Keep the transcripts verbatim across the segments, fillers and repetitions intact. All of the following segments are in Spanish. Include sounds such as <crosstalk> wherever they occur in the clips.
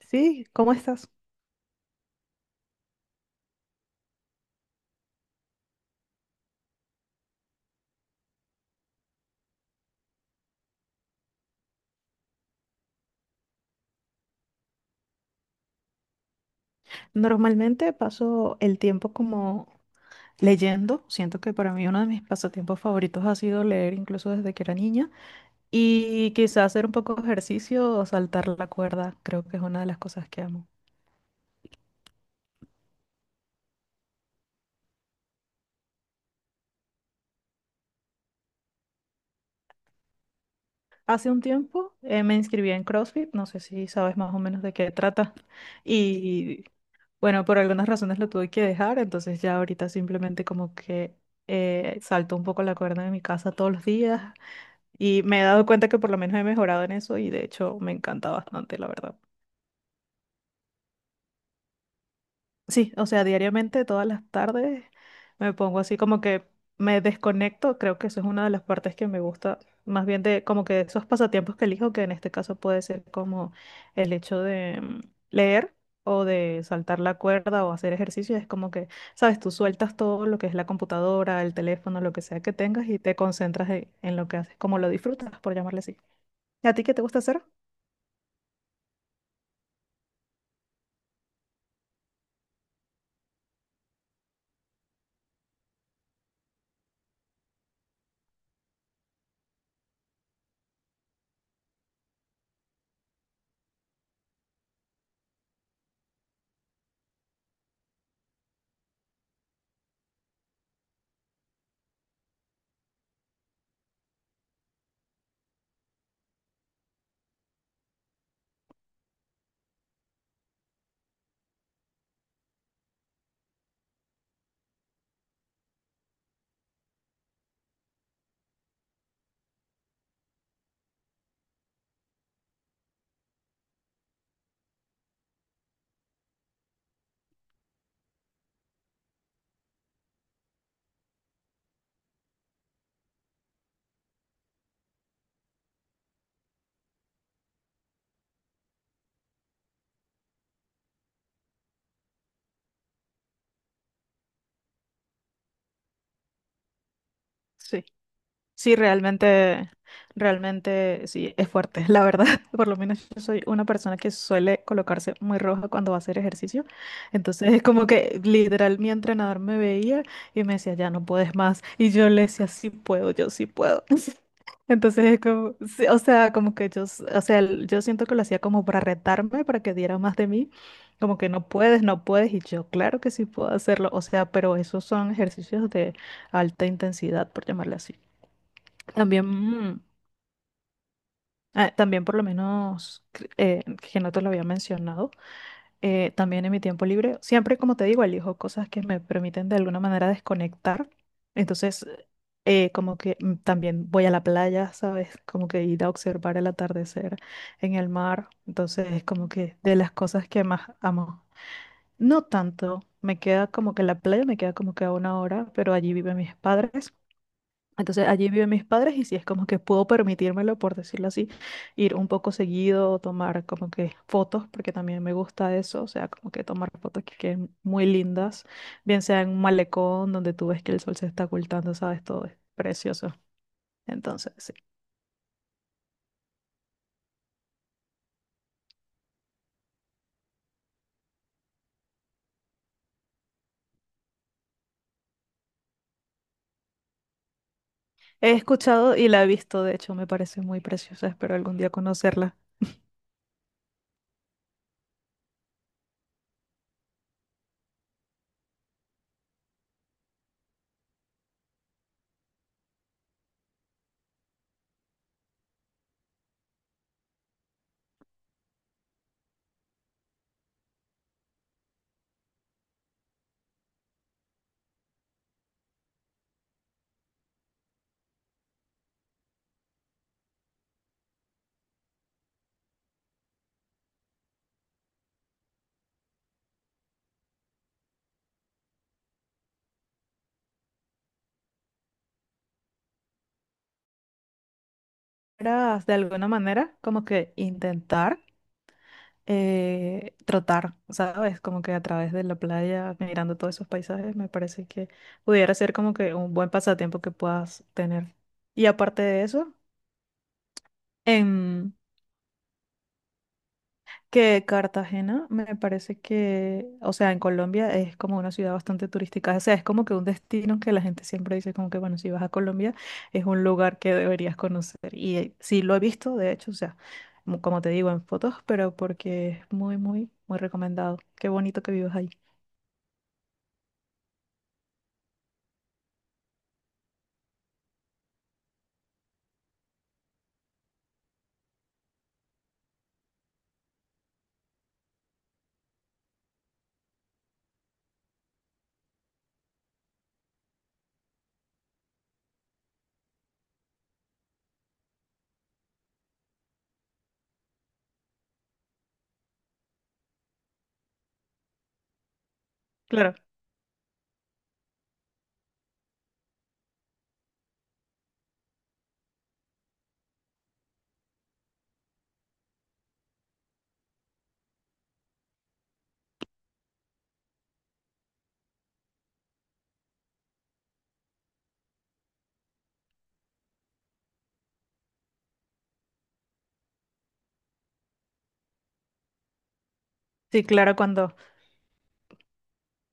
Sí, ¿cómo estás? Normalmente paso el tiempo como leyendo. Siento que para mí uno de mis pasatiempos favoritos ha sido leer incluso desde que era niña. Y quizá hacer un poco de ejercicio o saltar la cuerda, creo que es una de las cosas que amo. Hace un tiempo eh, me inscribí en CrossFit, no sé si sabes más o menos de qué trata. Y bueno, por algunas razones lo tuve que dejar, entonces ya ahorita simplemente como que eh, salto un poco la cuerda de mi casa todos los días. Y me he dado cuenta que por lo menos he mejorado en eso y de hecho me encanta bastante, la verdad. Sí, o sea, diariamente, todas las tardes, me pongo así como que me desconecto. Creo que eso es una de las partes que me gusta, más bien de como que esos pasatiempos que elijo, que en este caso puede ser como el hecho de mm, leer o de saltar la cuerda o hacer ejercicio. Es como que, sabes, tú sueltas todo lo que es la computadora, el teléfono, lo que sea que tengas y te concentras en en lo que haces, como lo disfrutas, por llamarle así. ¿Y a ti qué te gusta hacer? Sí. Sí, realmente, realmente sí, es fuerte, la verdad. <laughs> Por lo menos yo soy una persona que suele colocarse muy roja cuando va a hacer ejercicio. Entonces es como que literal mi entrenador me veía y me decía, ya no puedes más. Y yo le decía, sí puedo, yo sí puedo. <laughs> Entonces es como, sí, o sea, como que yo, s- o sea, el- yo siento que lo hacía como para retarme, para que diera más de mí. Como que no puedes, no puedes. Y yo, claro que sí puedo hacerlo. O sea, pero esos son ejercicios de alta intensidad, por llamarle así. También, mm, ah, también por lo menos, cre- eh, que no te lo había mencionado, eh, también en mi tiempo libre, siempre como te digo, elijo cosas que me permiten de alguna manera desconectar. Entonces, eh, como que mm, también voy a la playa, ¿sabes? Como que ir a observar el atardecer en el mar. Entonces, es como que de las cosas que más amo. No tanto, me queda como que la playa me queda como que a una hora, pero allí viven mis padres. Entonces allí viven mis padres y sí es como que puedo permitírmelo, por decirlo así, ir un poco seguido, tomar como que fotos, porque también me gusta eso, o sea, como que tomar fotos que queden muy lindas, bien sea en un malecón donde tú ves que el sol se está ocultando, sabes, todo es precioso. Entonces, sí. He escuchado y la he visto, de hecho, me parece muy preciosa, espero algún día conocerla. <laughs> ¿Era de alguna manera como que intentar eh, trotar, sabes? Como que a través de la playa, mirando todos esos paisajes, me parece que pudiera ser como que un buen pasatiempo que puedas tener. Y aparte de eso, en que Cartagena me parece que, o sea, en Colombia es como una ciudad bastante turística, o sea, es como que un destino que la gente siempre dice como que, bueno, si vas a Colombia es un lugar que deberías conocer. Y eh, sí lo he visto, de hecho, o sea, mu- como te digo, en fotos, pero porque es muy, muy, muy recomendado. Qué bonito que vivas ahí. Claro, sí, claro, cuando,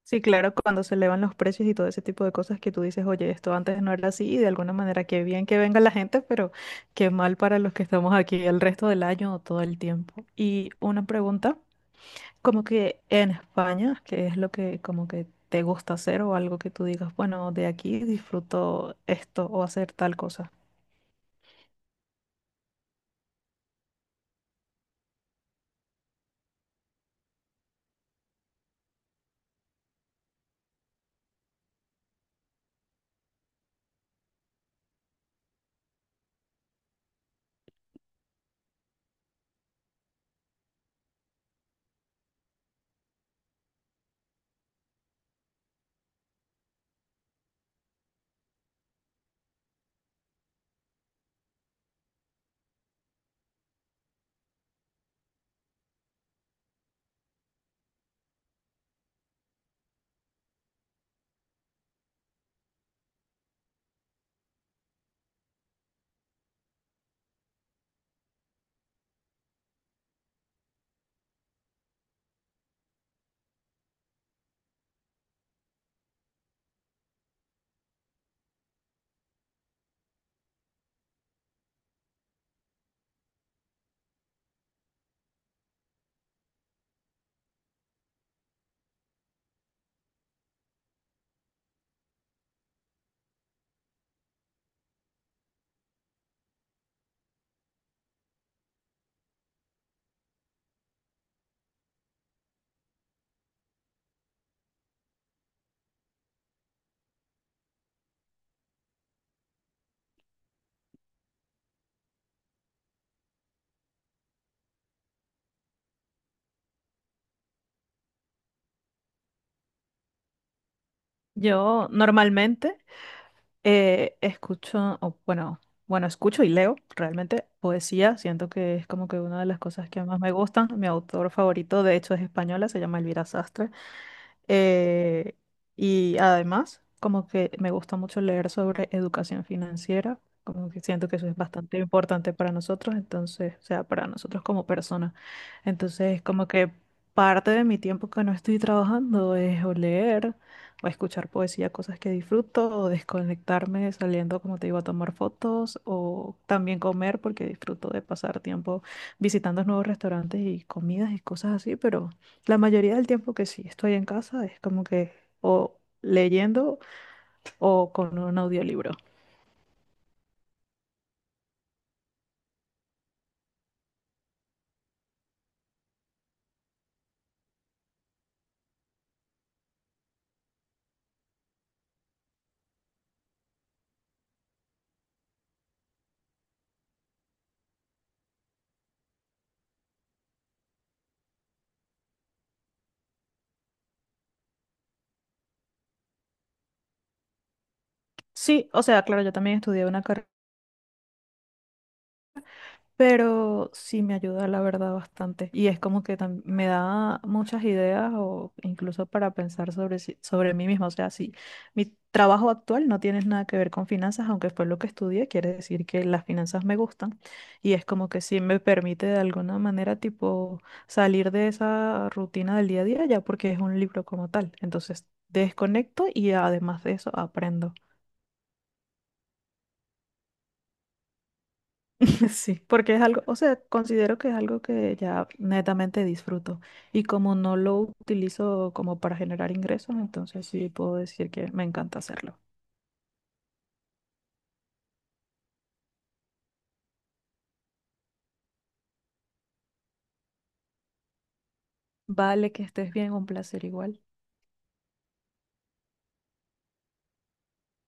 sí, claro, cuando se elevan los precios y todo ese tipo de cosas que tú dices, oye, esto antes no era así, y de alguna manera qué bien que venga la gente, pero qué mal para los que estamos aquí el resto del año o todo el tiempo. Y una pregunta, como que en España, ¿qué es lo que como que te gusta hacer o algo que tú digas, bueno, de aquí disfruto esto o hacer tal cosa? Yo normalmente Eh, escucho, o bueno, bueno, escucho y leo realmente poesía. Siento que es como que una de las cosas que más me gustan. Mi autor favorito, de hecho, es española, se llama Elvira Sastre. Eh, y además, como que me gusta mucho leer sobre educación financiera, como que siento que eso es bastante importante para nosotros, entonces, o sea, para nosotros como personas. Entonces, como que parte de mi tiempo que no estoy trabajando es o leer, o escuchar poesía, cosas que disfruto, o desconectarme saliendo, como te digo, a tomar fotos, o también comer, porque disfruto de pasar tiempo visitando nuevos restaurantes y comidas y cosas así, pero... La mayoría del tiempo que sí estoy en casa es como que o leyendo o con un audiolibro. Sí, o sea, claro, yo también estudié una carrera. Pero sí me ayuda, la verdad, bastante. Y es como que tam- me da muchas ideas o incluso para pensar sobre, si- sobre mí misma. O sea, si mi trabajo actual no tiene nada que ver con finanzas, aunque fue lo que estudié, quiere decir que las finanzas me gustan. Y es como que sí me permite de alguna manera, tipo, salir de esa rutina del día a día ya porque es un libro como tal. Entonces, desconecto y además de eso, aprendo. <laughs> Sí, porque es algo, o sea, considero que es algo que ya netamente disfruto. Y como no lo utilizo como para generar ingresos, entonces sí puedo decir que me encanta hacerlo. Vale, que estés bien, un placer igual.